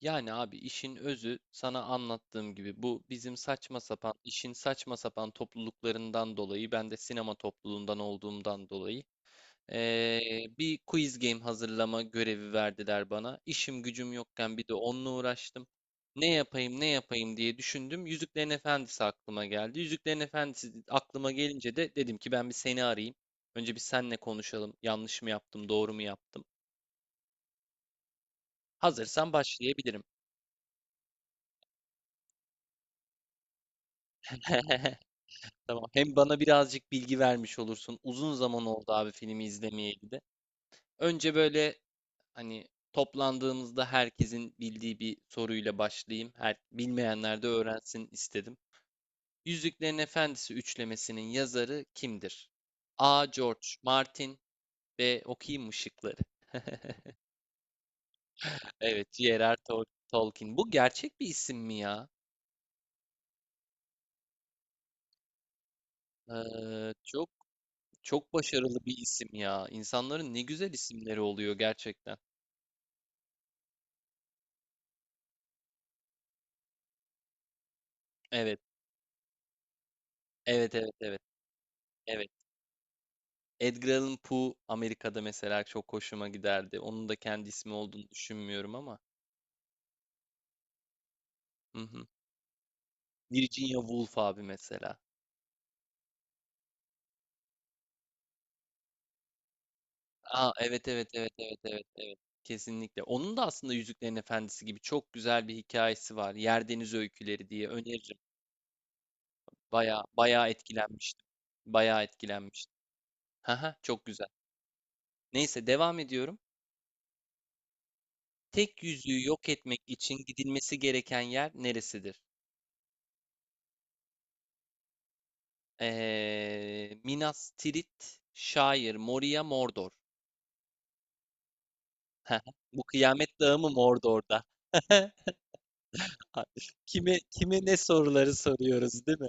Yani abi işin özü sana anlattığım gibi bu bizim saçma sapan işin saçma sapan topluluklarından dolayı ben de sinema topluluğundan olduğumdan dolayı bir quiz game hazırlama görevi verdiler bana. İşim gücüm yokken bir de onunla uğraştım. Ne yapayım ne yapayım diye düşündüm. Yüzüklerin Efendisi aklıma geldi. Yüzüklerin Efendisi aklıma gelince de dedim ki ben bir seni arayayım. Önce bir senle konuşalım. Yanlış mı yaptım, doğru mu yaptım? Hazırsan başlayabilirim. Tamam. Hem bana birazcık bilgi vermiş olursun. Uzun zaman oldu abi filmi izlemeyeli de. Önce böyle hani toplandığımızda herkesin bildiği bir soruyla başlayayım. Bilmeyenler de öğrensin istedim. Yüzüklerin Efendisi üçlemesinin yazarı kimdir? A. George Martin, B. Okuyayım Işıkları. Evet, J.R.R. Tolkien. Bu gerçek bir isim mi ya? Ee, Çok çok başarılı bir isim ya. İnsanların ne güzel isimleri oluyor gerçekten. Evet. Evet, evet, evet, evet. Edgar Allan Poe Amerika'da mesela çok hoşuma giderdi. Onun da kendi ismi olduğunu düşünmüyorum ama. Hı hı. Virginia Woolf abi mesela. Aa, evet, evet, evet, evet, evet, evet. Kesinlikle. Onun da aslında Yüzüklerin Efendisi gibi çok güzel bir hikayesi var. Yerdeniz Öyküleri diye öneririm. Baya baya etkilenmiştim. Baya etkilenmiştim. Haha, çok güzel. Neyse, devam ediyorum. Tek yüzüğü yok etmek için gidilmesi gereken yer neresidir? Minas Tirith, şair, Moria, Mordor. Bu Kıyamet Dağı mı Mordor'da? Kime kime ne soruları soruyoruz, değil mi?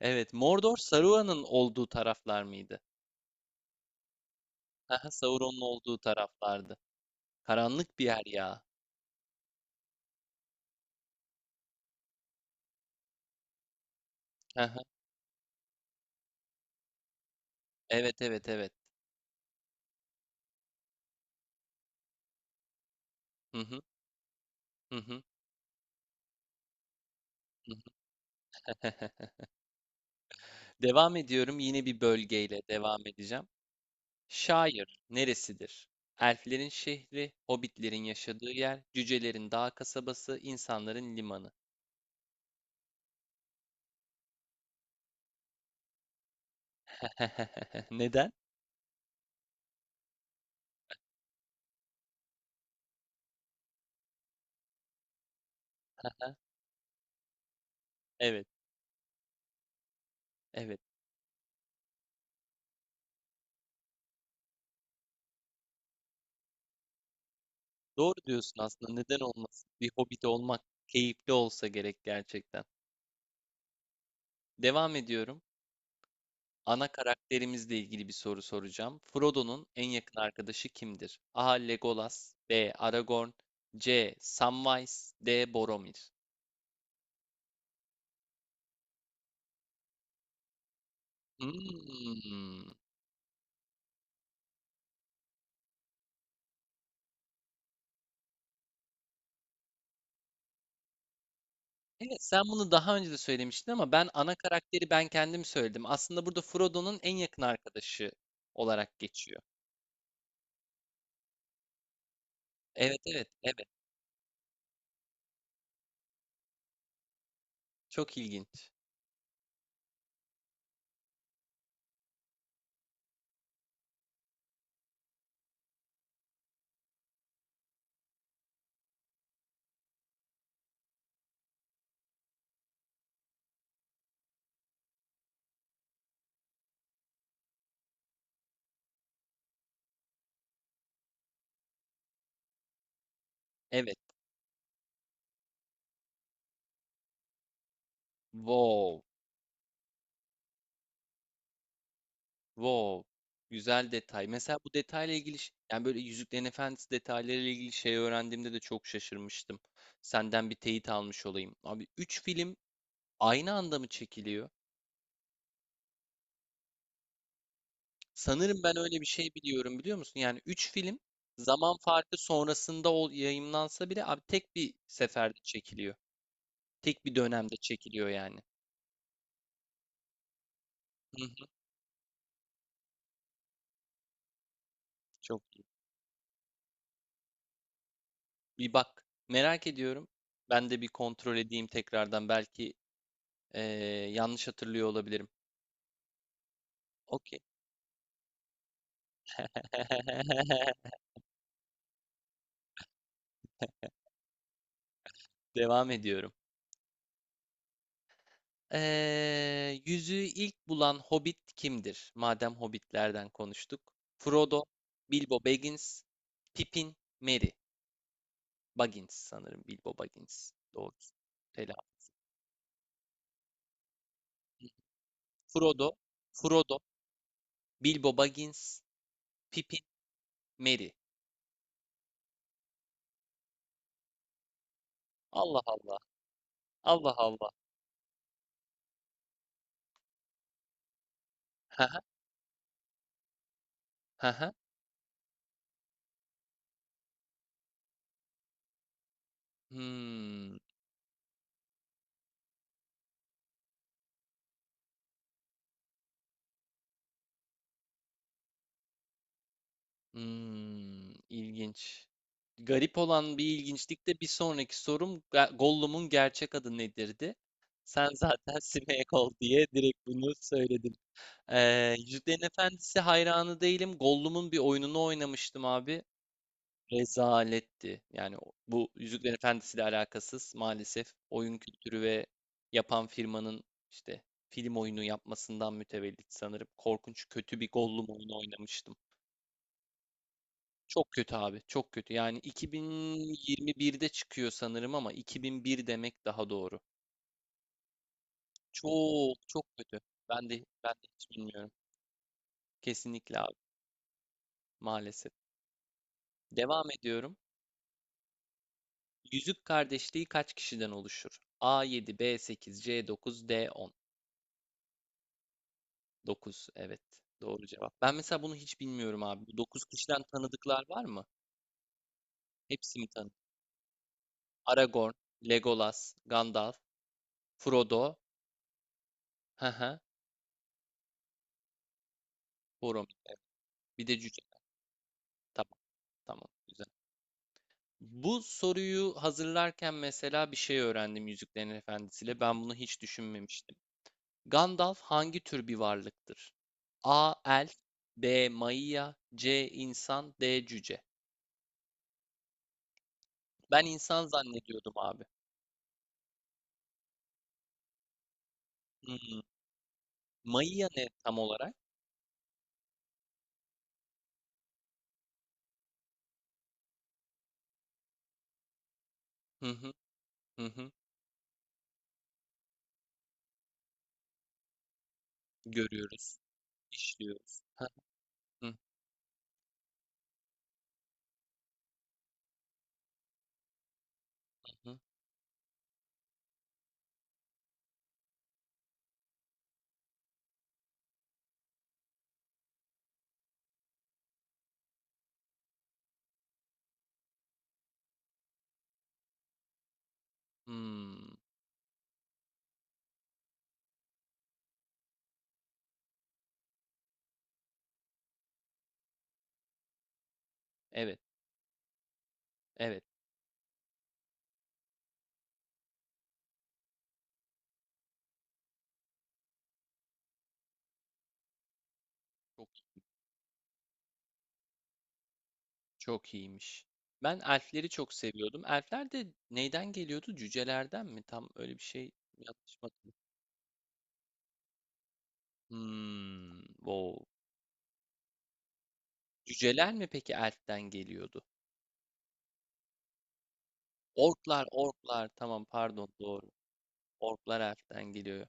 Evet, Mordor Saruman'ın olduğu taraflar mıydı? Hı hı, Sauron'un olduğu taraflardı. Karanlık bir yer ya. Hı. Evet, evet, evet. Hı hı, hı hı, hı hı. Devam ediyorum, yine bir bölgeyle devam edeceğim. Şair neresidir? Elflerin şehri, hobbitlerin yaşadığı yer, cücelerin dağ kasabası, insanların limanı. Neden? Evet, evet. Doğru diyorsun aslında. Neden olmasın? Bir hobbit olmak keyifli olsa gerek gerçekten. Devam ediyorum. Ana karakterimizle ilgili bir soru soracağım. Frodo'nun en yakın arkadaşı kimdir? A. Legolas, B. Aragorn, C. Samwise, D. Boromir. Hmm. Evet, sen bunu daha önce de söylemiştin ama ben ana karakteri ben kendim söyledim. Aslında burada Frodo'nun en yakın arkadaşı olarak geçiyor. Evet, evet, evet. Çok ilginç. Evet. Wow. Wow. Güzel detay. Mesela bu detayla ilgili yani böyle Yüzüklerin Efendisi detaylarıyla ilgili şey öğrendiğimde de çok şaşırmıştım. Senden bir teyit almış olayım. Abi 3 film aynı anda mı çekiliyor? Sanırım ben öyle bir şey biliyorum, biliyor musun? Yani 3 film zaman farkı sonrasında yayımlansa bile abi tek bir seferde çekiliyor. Tek bir dönemde çekiliyor yani. Hı hı, çok iyi. Bir bak. Merak ediyorum. Ben de bir kontrol edeyim tekrardan. Belki eee, yanlış hatırlıyor olabilirim. Okey. Devam ediyorum. Yüzüğü ilk bulan Hobbit kimdir? Madem Hobbitlerden konuştuk. Frodo, Bilbo Baggins, Pippin, Merry. Baggins sanırım. Bilbo Baggins. Doğru. Telaffuz. Frodo. Frodo. Bilbo Baggins. Pippin. Merry. Allah Allah. Allah Allah. Haha, haha. Hmm, ilginç. Garip olan bir ilginçlik de bir sonraki sorum Gollum'un gerçek adı nedirdi? Sen zaten Smeagol diye direkt bunu söyledin. Yüzüklerin Efendisi hayranı değilim. Gollum'un bir oyununu oynamıştım abi. Rezaletti. Yani bu Yüzüklerin Efendisi'yle alakasız maalesef oyun kültürü ve yapan firmanın işte film oyunu yapmasından mütevellit sanırım. Korkunç kötü bir Gollum oyunu oynamıştım. Çok kötü abi, çok kötü. Yani 2021'de çıkıyor sanırım ama 2001 demek daha doğru. Çok çok kötü. Ben de hiç bilmiyorum. Kesinlikle abi, maalesef. Devam ediyorum. Yüzük kardeşliği kaç kişiden oluşur? A7, B8, C9, D10. Dokuz, evet. Doğru cevap. Ben mesela bunu hiç bilmiyorum abi. Bu 9 kişiden tanıdıklar var mı? Hepsi mi tanıdık? Aragorn, Legolas, Gandalf, Frodo, hı hı, Boromir. Bir de cüce. Tamam, tamam. Güzel. Bu soruyu hazırlarken mesela bir şey öğrendim Yüzüklerin Efendisi'yle. Ben bunu hiç düşünmemiştim. Gandalf hangi tür bir varlıktır? A. Elf, B. Maia, C. İnsan, D. Cüce. Ben insan zannediyordum abi. Hmm. Maia ne tam olarak? Hı hı, hı hı. Görüyoruz, işliyoruz. Heh, hı hı hı. Hımm. Evet, evet. Çok çok iyiymiş. Ben elfleri çok seviyordum. Elfler de neyden geliyordu? Cücelerden mi? Tam öyle bir şey, yanlış mı hatırlıyorum? Hımm. Wow. Cüceler mi peki elften geliyordu? Orklar, orklar. Tamam, pardon, doğru. Orklar elften geliyor.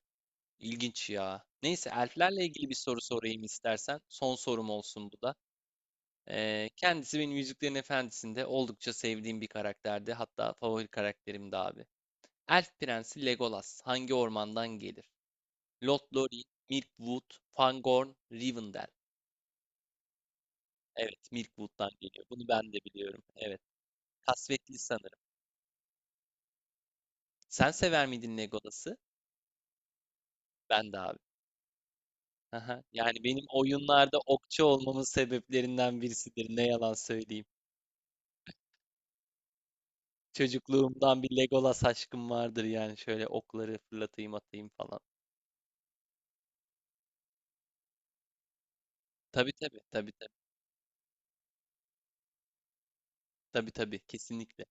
İlginç ya. Neyse, elflerle ilgili bir soru sorayım istersen. Son sorum olsun bu da. Kendisi benim Yüzüklerin Efendisi'nde oldukça sevdiğim bir karakterdi. Hatta favori karakterimdi abi. Elf Prensi Legolas hangi ormandan gelir? Lothlórien, Mirkwood, Fangorn, Rivendell. Evet, Mirkwood'dan geliyor. Bunu ben de biliyorum. Evet, kasvetli sanırım. Sen sever miydin Legolas'ı? Ben de abi. Aha, yani benim oyunlarda okçu olmamın sebeplerinden birisidir. Ne yalan söyleyeyim. Çocukluğumdan bir Legolas aşkım vardır yani şöyle okları fırlatayım atayım falan. Tabii, tabii, tabii. Tabii, tabii, kesinlikle.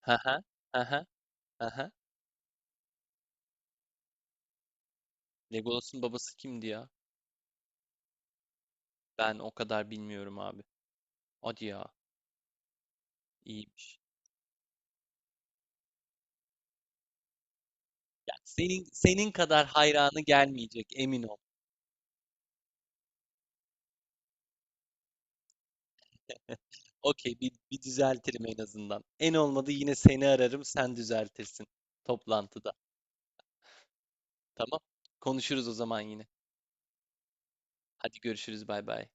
Hı hı. Hı hı. Hı hı. Legolas'ın babası kimdi ya? Ben o kadar bilmiyorum abi. Hadi ya. İyiymiş. Ya senin kadar hayranı gelmeyecek emin ol. Okey, bir düzeltirim en azından. En olmadı yine seni ararım, sen düzeltirsin toplantıda. Tamam. Konuşuruz o zaman yine. Hadi görüşürüz, bay bay.